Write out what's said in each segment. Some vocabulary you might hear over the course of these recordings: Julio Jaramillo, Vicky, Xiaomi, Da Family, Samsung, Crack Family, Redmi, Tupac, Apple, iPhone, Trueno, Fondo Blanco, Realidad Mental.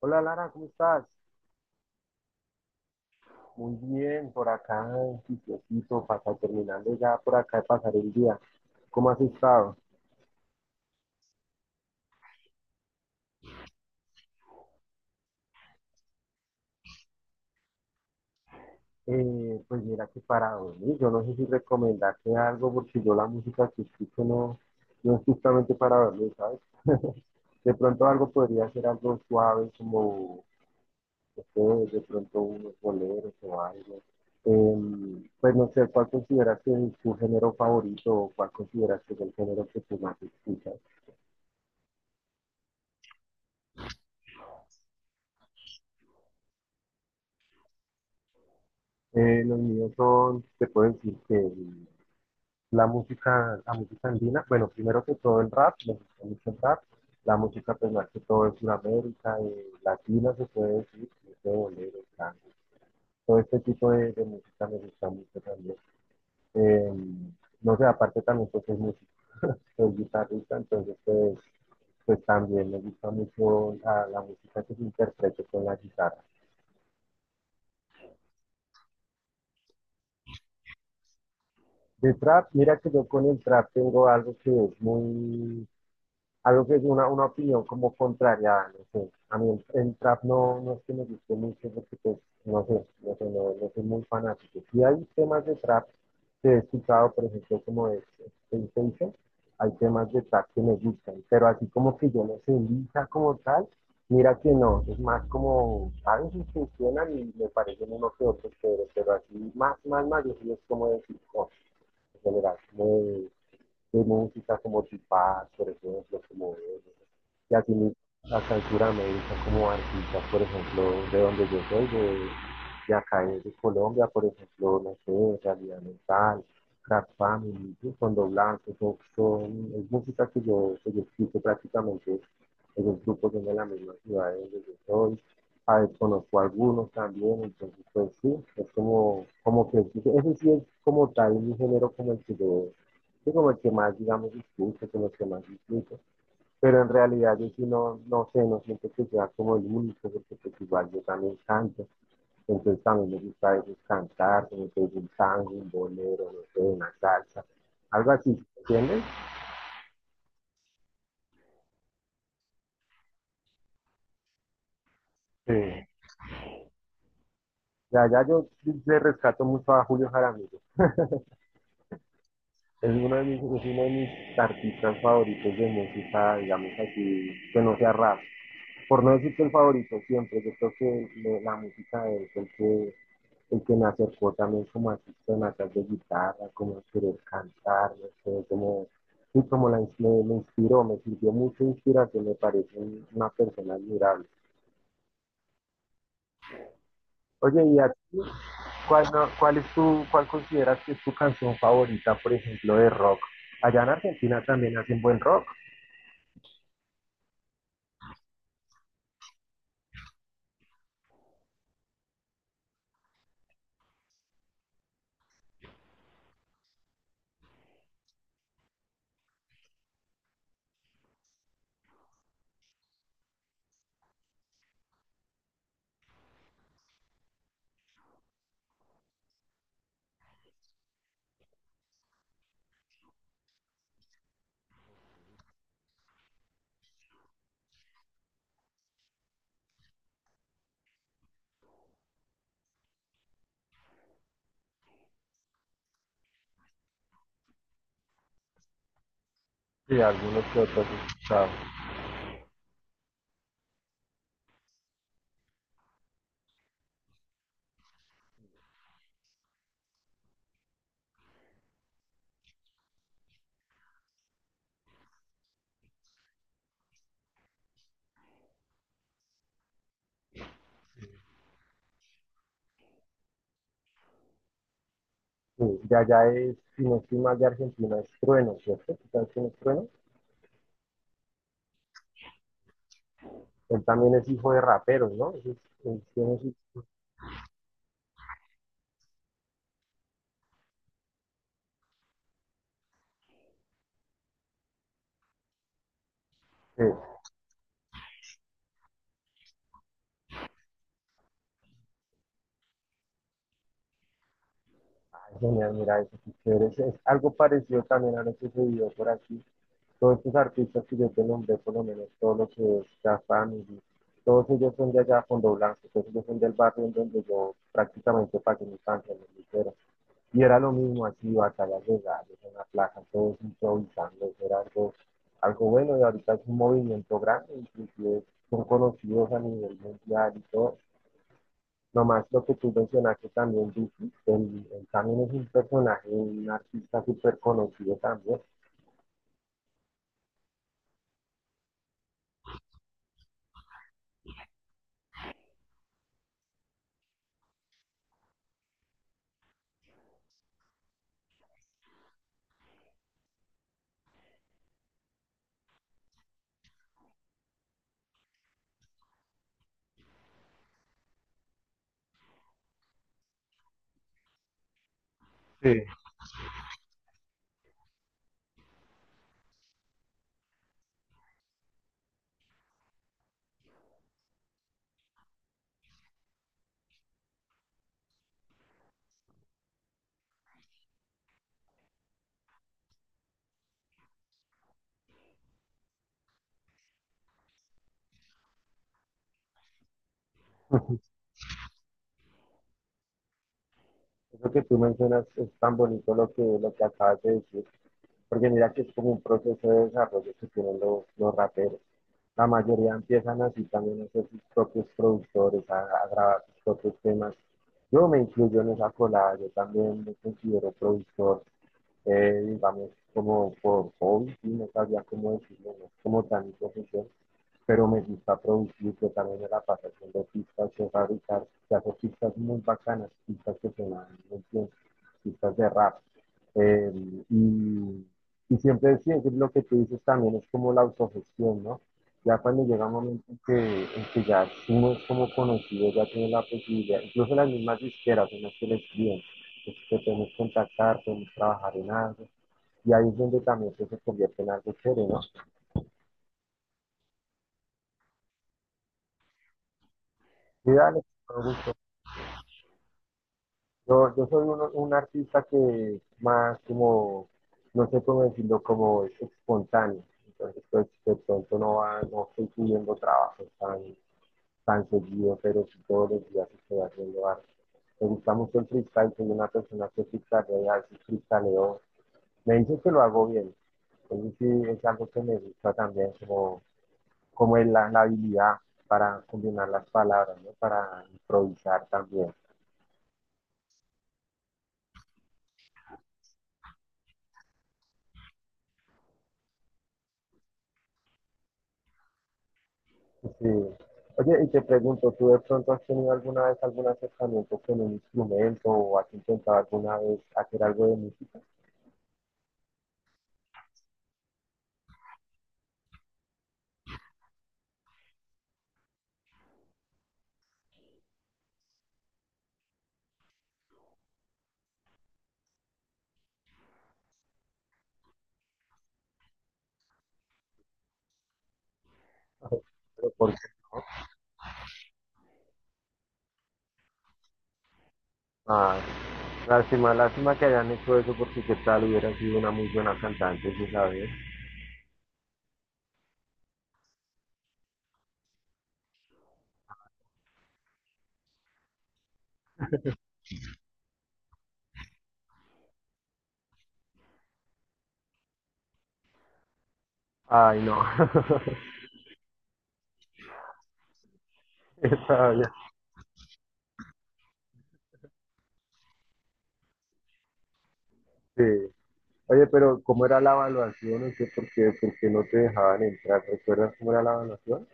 Hola Lara, ¿cómo estás? Muy bien, por acá en sitiocito, para terminando ya por acá de pasar el día. ¿Cómo has estado? Pues mira que para dormir, yo no sé si recomendarte algo porque yo la música que escucho no es justamente para dormir, ¿sabes? De pronto algo podría ser algo suave como, no sé, de pronto unos boleros o algo. Pues no sé, ¿cuál consideras que es tu género favorito o cuál consideras que es el género que tú más escuchas? Los míos son, te puedo decir que la música, andina. Bueno, primero que todo el rap, me gusta mucho el rap, la música pues más que todo es Sudamérica, latina se puede decir, de bolero, tango, todo este tipo de música me gusta mucho también. Eh, no sé, aparte también pues soy músico, soy guitarrista, entonces pues también me gusta mucho la música que se interprete con la guitarra. De trap, mira que yo con el trap tengo algo que es una opinión como contraria, no sé. A mí el trap no, no es que me guste mucho porque pues, no sé, no, no soy muy fanático. Sí hay temas de trap que he escuchado, por ejemplo, como es Sensation. Hay temas de trap que me gustan, pero así como que yo no sé, lisa como tal, mira que no, es más como, a veces funcionan y me parecen uno que otro, pero así más, más, más, yo sí es como decir, no, en general, muy de música como Tupac, por ejemplo, como él, y así la cultura médica como artistas, por ejemplo, de donde yo soy, de acá de Colombia, por ejemplo, no sé, Realidad Mental, Crack Family, ¿sí? Fondo Blanco, es música que yo escucho prácticamente en los grupos que de la misma ciudad de donde yo soy, a ver. Conozco a algunos también, entonces pues sí, es como, como que, ese sí es como tal mi género, como el que yo como el que más, digamos, discute, como el que más discute. Pero en realidad yo sí no, no siento que sea como el único, porque pues igual yo también canto. Entonces también me gusta a veces cantar, como que es un tango, un bolero, no sé, una salsa, algo así, ¿entiendes? Sí. De allá yo le rescato mucho a Julio Jaramillo. Es uno de mis artistas favoritos de música, digamos así, que no sea rap. Por no decir que el favorito siempre, yo creo que la música es el que me acercó también como a sistemas de guitarra, como querer cantar, no sé, como, y como me inspiró, me sirvió mucha inspiración, me parece una persona admirable. Oye, ¿y a ti cuál, no- cuál es tu, cuál consideras que es tu canción favorita, por ejemplo, de rock? Allá en Argentina también hacen buen rock, y algunos que otros he escuchado. Sí, de allá es, si no estoy mal, de Argentina es Trueno, ¿cierto? ¿Tú ¿Sabes quién es Trueno? Él también es hijo de raperos, ¿no? Es- tiene su- eh, Ay, genial, mira, eso sí, chévere. Es algo parecido también a lo que sucedió por aquí. Todos estos artistas que yo te nombré, por lo menos todos los que es Da Family, todos ellos son de allá, Fondo Blanco, todos ellos son del barrio en donde yo prácticamente pagué mi infancia, en el liceo. Y era lo mismo, así, batallas legales, una plaza, todos improvisando, eso era algo bueno. Y ahorita es un movimiento grande, inclusive son conocidos a nivel mundial y todo. Nomás lo que tú mencionaste también, Vicky, él también es un personaje, un artista súper conocido también. Sí. Eso que tú mencionas es tan bonito, lo que acabas de decir, porque mira que es como un proceso de desarrollo que tienen los raperos. La mayoría empiezan así también a ser sus propios productores, a grabar sus propios temas. Yo me incluyo en esa colada, yo también me considero productor, digamos, como por hobby, sí, no sabía cómo decirlo, no es como tan mi profesión, pero me gusta producir, yo también me la paso haciendo pistas, yo fabricar, yo hago pistas muy bacanas, pistas que se dan muy bien, pistas de rap. Eh, y, y siempre sí, es lo que tú dices, también es como la autogestión, ¿no? Ya cuando llega un momento en que, ya uno es como conocido, ya tiene la posibilidad, incluso las mismas disqueras, unas que le escriben, que podemos contactar, podemos trabajar en algo. Y ahí es donde también pues, se convierte en algo chévere, ¿no? Y dale, con gusto. Yo soy un artista que más como, no sé cómo decirlo, como es espontáneo. Entonces, pues, de pronto no, va, no estoy pidiendo trabajo tan seguido, pero si todos los días estoy haciendo arte. Me gusta mucho el freestyle, soy una persona que freestylea, sí freestyleo. Me dicen que lo hago bien. Entonces sí, es algo que me gusta también, como es la habilidad para combinar las palabras, ¿no? Para improvisar también. Sí. Oye, y te pregunto, ¿tú de pronto has tenido alguna vez algún acercamiento con un instrumento o has intentado alguna vez hacer algo de música? Pero ¿por qué no? Ah, lástima, lástima que hayan hecho eso, porque qué tal hubiera sido una muy buena cantante, si sabes. Ay, no. Está bien. Sí. Oye, pero ¿cómo era la evaluación? No sé por qué no te dejaban entrar. ¿Recuerdas cómo era la evaluación?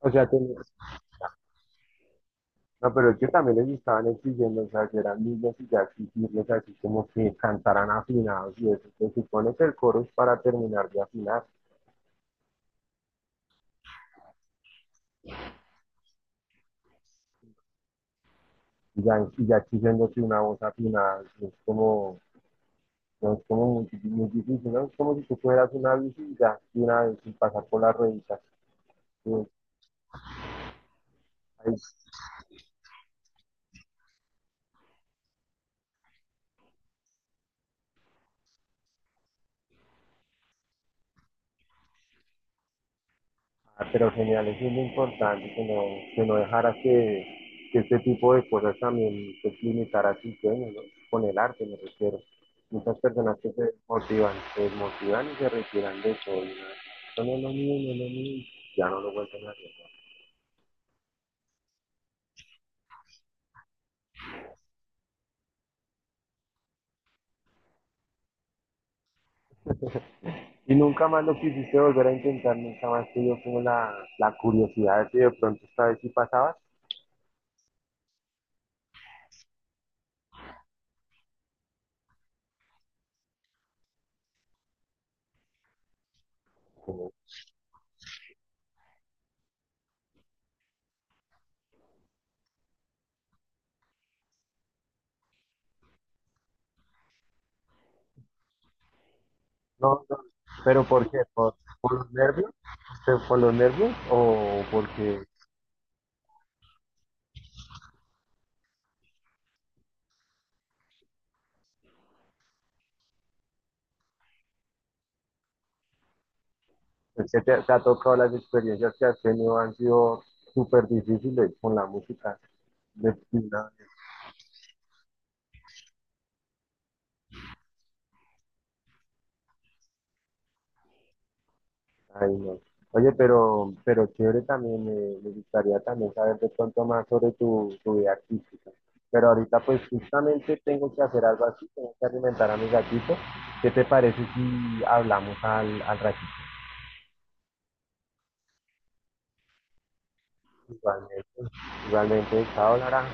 O sea, que no, pero es que también les estaban exigiendo, o sea, que eran niños y ya exigirles así como que cantaran afinados y eso. Se supone que el coro es para terminar de afinar, y ya exigiéndose una voz afinada. Es como, no es como muy, muy difícil, ¿no? Es como si tú fueras una bici y ya, de una vez sin pasar por las rueditas. Sí, ahí. Ah, pero genial, eso es lo importante. Que no dejara que, este tipo de cosas también se limitara a sus sueños, ¿no? Con el arte me refiero. Muchas personas que se motivan, se desmotivan y se retiran de todo. Y no, no es lo mío, no es lo mío, ya no lo vuelven a hacer, ¿no? Y nunca más lo quisiste volver a intentar, nunca más te dio como la curiosidad de si de pronto esta vez sí pasabas. Como, no, no, pero ¿por qué? ¿Por los nervios? ¿Por los nervios o porque...? Es que te ha tocado. Las experiencias que has tenido han sido súper difíciles con la música. De- Ay, no. Oye, pero, chévere también, me gustaría también saber de pronto más sobre tu vida artística. Pero ahorita pues justamente tengo que hacer algo así, tengo que alimentar a mi gatito. ¿Qué te parece si hablamos al ratito? Igualmente, igualmente, chao, Lara.